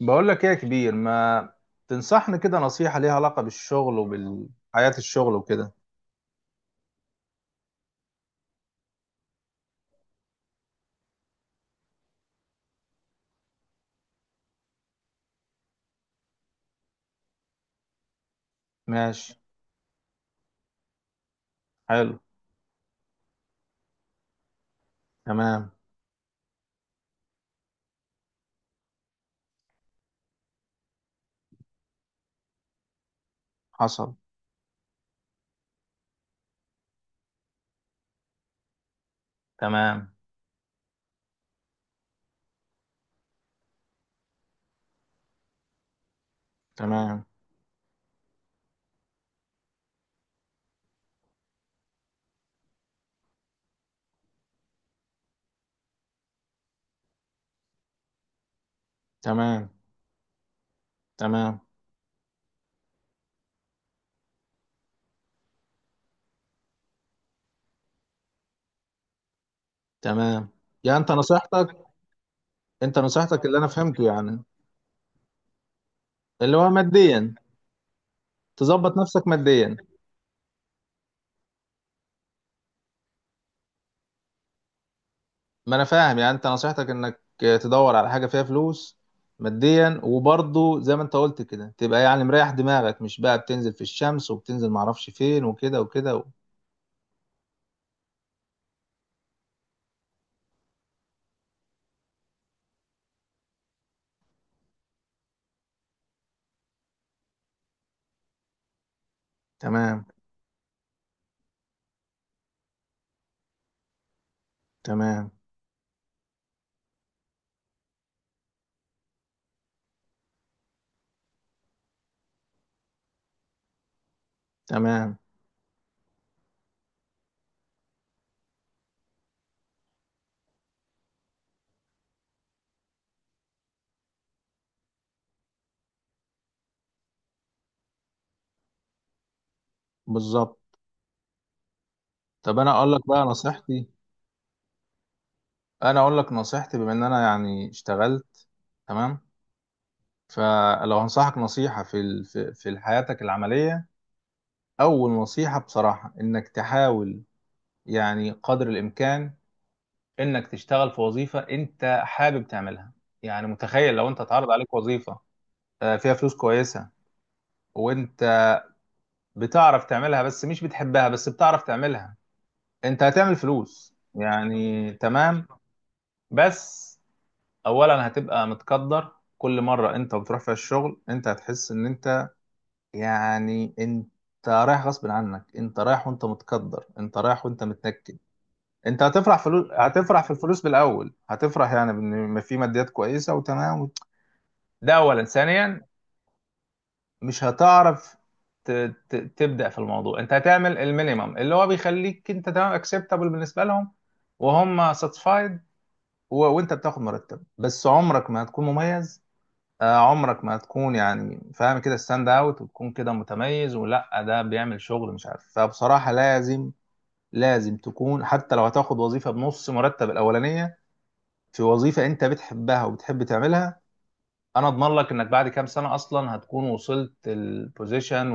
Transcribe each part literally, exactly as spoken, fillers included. بقول لك ايه يا كبير، ما تنصحني كده نصيحة ليها علاقة بالشغل وبالحياة، الشغل وكده؟ ماشي. حلو. تمام. حصل. تمام. تمام. تمام. تمام. تمام. يعني انت نصيحتك انت نصيحتك اللي انا فهمته يعني، اللي هو ماديا، تظبط نفسك ماديا. ما انا فاهم، يعني انت نصيحتك انك تدور على حاجة فيها فلوس، ماديا وبرضه زي ما انت قلت كده تبقى يعني مريح دماغك، مش بقى بتنزل في الشمس وبتنزل معرفش فين وكده وكده و... تمام. تمام. تمام. بالظبط. طب انا اقول لك بقى نصيحتي انا اقول لك نصيحتي، بما ان انا يعني اشتغلت. تمام. فلو هنصحك نصيحة في ال- في في حياتك العملية، اول نصيحة بصراحة انك تحاول يعني قدر الامكان انك تشتغل في وظيفة انت حابب تعملها. يعني متخيل لو انت اتعرض عليك وظيفة آه، فيها فلوس كويسة، وانت بتعرف تعملها، بس مش بتحبها، بس بتعرف تعملها، انت هتعمل فلوس يعني تمام. بس اولا هتبقى متقدر، كل مره انت بتروح فيها الشغل انت هتحس ان انت يعني انت رايح غصب عنك، انت رايح وانت متقدر، انت رايح وانت متنكد. انت هتفرح فلوس هتفرح في الفلوس بالاول، هتفرح يعني بان في ماديات كويسه وتمام. ده اولا. ثانيا مش هتعرف ت... ت... تبدا في الموضوع، انت هتعمل المينيمم اللي هو بيخليك انت تمام، اكسبتابل بالنسبه لهم وهم ساتسفايد، و... وانت بتاخد مرتب، بس عمرك ما هتكون مميز. آه، عمرك ما هتكون يعني فاهم كده ستاند اوت وتكون كده متميز، ولا ده بيعمل شغل مش عارف. فبصراحة لازم لازم تكون حتى لو هتاخد وظيفة بنص مرتب الأولانية في وظيفة أنت بتحبها وبتحب تعملها. أنا أضمن لك إنك بعد كام سنة أصلا هتكون وصلت البوزيشن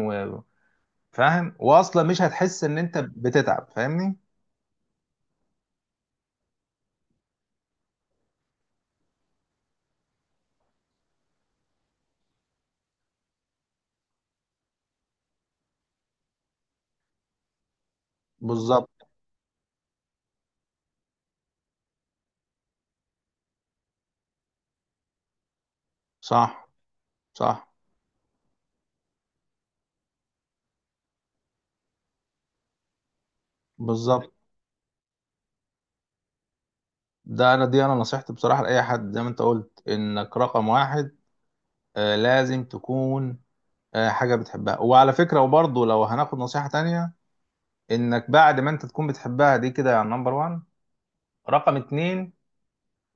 وفاهم، وأصلا مش هتحس إن أنت بتتعب، فاهمني؟ بالظبط. صح. صح. بالظبط. ده أنا دي أنا نصيحتي بصراحة لأي حد، زي ما أنت قلت إنك رقم واحد. آه، لازم تكون آه، حاجة بتحبها. وعلى فكرة، وبرضه لو هناخد نصيحة تانية، انك بعد ما انت تكون بتحبها دي كده يعني نمبر وان، رقم اتنين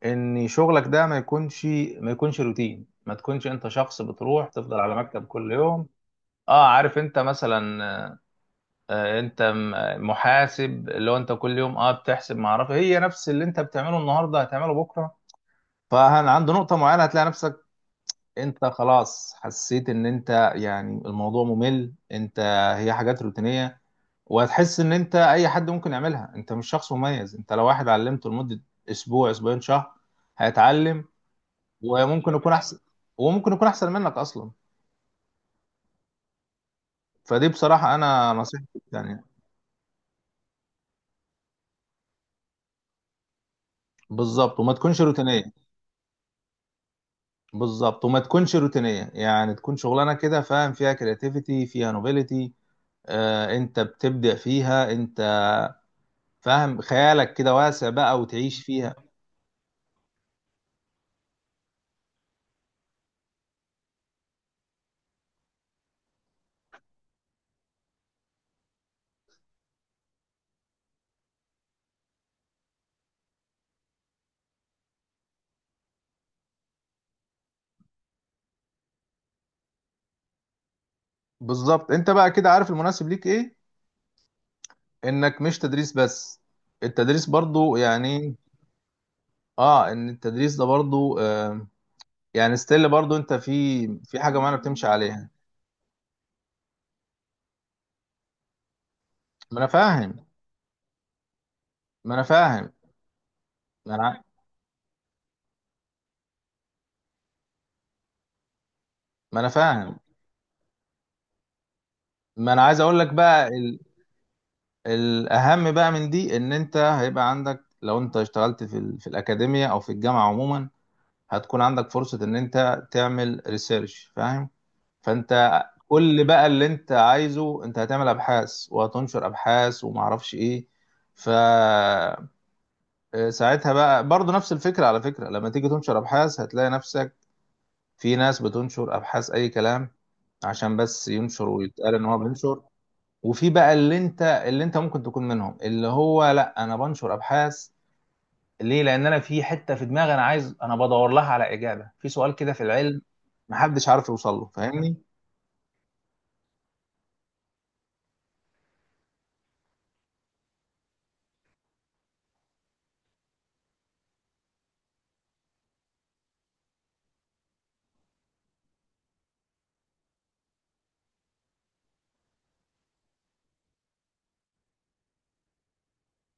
ان شغلك ده ما يكونش ما يكونش روتين، ما تكونش انت شخص بتروح تفضل على مكتب كل يوم. اه، عارف انت مثلا آه، آه، انت م- محاسب، اللي هو انت كل يوم اه بتحسب ما اعرف، هي نفس اللي انت بتعمله النهارده هتعمله بكره. فعند نقطه معينه هتلاقي نفسك انت خلاص حسيت ان انت، يعني الموضوع ممل، انت هي حاجات روتينية. وهتحس ان انت اي حد ممكن يعملها، انت مش شخص مميز، انت لو واحد علمته لمدة اسبوع، اسبوعين، شهر، هيتعلم، وممكن يكون احسن وممكن يكون احسن منك اصلا. فدي بصراحة انا نصيحتي يعني. بالظبط وما تكونش روتينية بالظبط وما تكونش روتينية، يعني تكون شغلانة كده فاهم، فيها كرياتيفيتي، فيها نوبيليتي. آه انت بتبدع فيها، انت فاهم خيالك كده واسع بقى وتعيش فيها. بالظبط. انت بقى كده عارف المناسب ليك ايه، انك مش تدريس بس، التدريس برضو يعني. اه، ان التدريس ده برضو آه يعني ستيل برضو انت في في حاجه معينه بتمشي عليها. ما انا فاهم. ما انا فاهم. ما انا ع- ما انا فاهم. ما انا عايز اقول لك بقى ال... الاهم بقى من دي، ان انت هيبقى عندك لو انت اشتغلت في ال... في الاكاديميه او في الجامعه عموما، هتكون عندك فرصه ان انت تعمل ريسيرش، فاهم؟ فانت كل بقى اللي انت عايزه، انت هتعمل ابحاث وهتنشر ابحاث وما اعرفش ايه. ف ساعتها بقى برضو نفس الفكرة، على فكرة لما تيجي تنشر ابحاث هتلاقي نفسك في ناس بتنشر ابحاث اي كلام، عشان بس ينشر ويتقال ان هو بينشر. وفي بقى اللي انت اللي انت ممكن تكون منهم، اللي هو لا، انا بنشر ابحاث ليه، لان انا في حتة في دماغي، انا عايز انا بدور لها على اجابة في سؤال كده في العلم محدش عارف يوصل له، فاهمني؟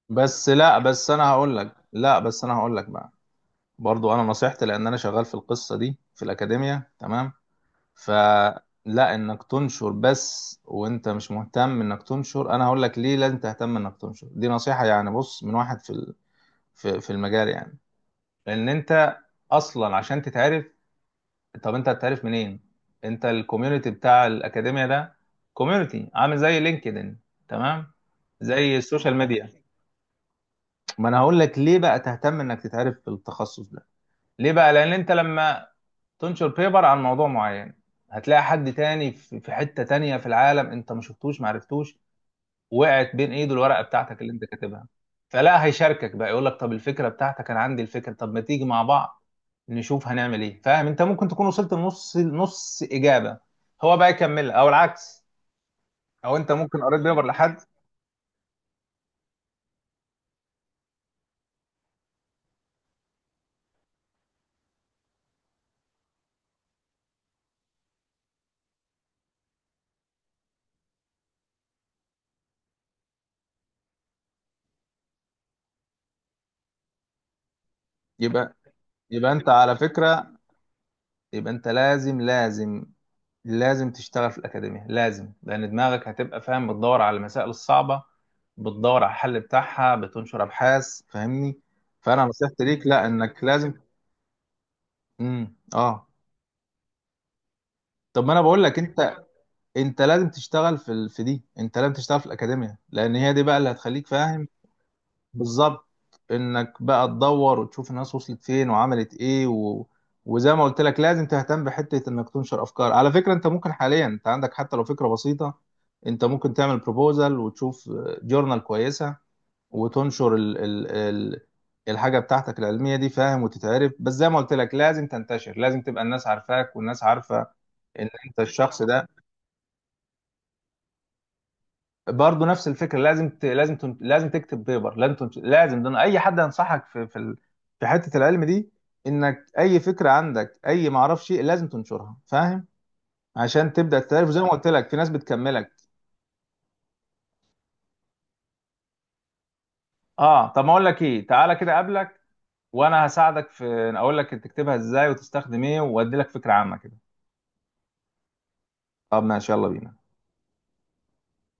بس لا بس انا هقول لك لا بس انا هقول لك بقى، برضو انا نصيحتي لان انا شغال في القصه دي في الاكاديميه تمام. فلا، انك تنشر بس وانت مش مهتم انك تنشر، انا هقول لك ليه لازم تهتم انك تنشر، دي نصيحه يعني، بص من واحد في ال- في في المجال يعني. لان انت اصلا عشان تتعرف، طب انت هتتعرف منين؟ انت الكوميونتي بتاع الاكاديميه ده كوميونتي عامل زي لينكدين، تمام، زي السوشيال ميديا. ما انا هقول لك ليه بقى تهتم انك تتعرف في التخصص ده، ليه بقى، لان انت لما تنشر بيبر عن موضوع معين، هتلاقي حد تاني في في حتة تانية في العالم انت ما شفتوش ما عرفتوش، وقعت بين ايده الورقة بتاعتك اللي انت كاتبها، فلا هيشاركك بقى يقول لك طب الفكرة بتاعتك انا عندي الفكرة، طب ما تيجي مع بعض نشوف هنعمل ايه، فاهم؟ انت ممكن تكون وصلت لنص نص اجابة، هو بقى يكمل او العكس، او انت ممكن قريت بيبر لحد. يبقى يبقى انت على فكرة، يبقى انت لازم، لازم لازم تشتغل في الأكاديمية لازم، لأن دماغك هتبقى فاهم، بتدور على المسائل الصعبة، بتدور على الحل بتاعها، بتنشر أبحاث، فاهمني؟ فأنا نصيحتي ليك لا، إنك لازم. امم اه. طب ما أنا بقول لك أنت أنت لازم تشتغل في ال... في دي أنت لازم تشتغل في الأكاديمية، لأن هي دي بقى اللي هتخليك فاهم. بالظبط. انك بقى تدور وتشوف الناس وصلت فين وعملت ايه و... وزي ما قلت لك لازم تهتم بحتة انك تنشر افكار. على فكرة انت ممكن حاليا انت عندك حتى لو فكرة بسيطة، انت ممكن تعمل بروبوزل وتشوف جورنال كويسة وتنشر ال... ال... ال... الحاجة بتاعتك العلمية دي، فاهم، وتتعرف. بس زي ما قلت لك لازم تنتشر، لازم تبقى الناس عارفاك والناس عارفة ان انت الشخص ده. برضه نفس الفكره، لازم ت... لازم تن... لازم تكتب بيبر، لازم تنش... لازم ده أنا اي حد ينصحك في في ال... في حته العلم دي، انك اي فكره عندك اي ما اعرفش إيه، لازم تنشرها، فاهم، عشان تبدا تعرف. زي ما قلت لك في ناس بتكملك. اه، طب ما اقول لك ايه، تعالى كده اقابلك وانا هساعدك في، اقول لك تكتبها ازاي وتستخدم ايه وادي لك فكره عامه كده. طب ماشي، يلا بينا.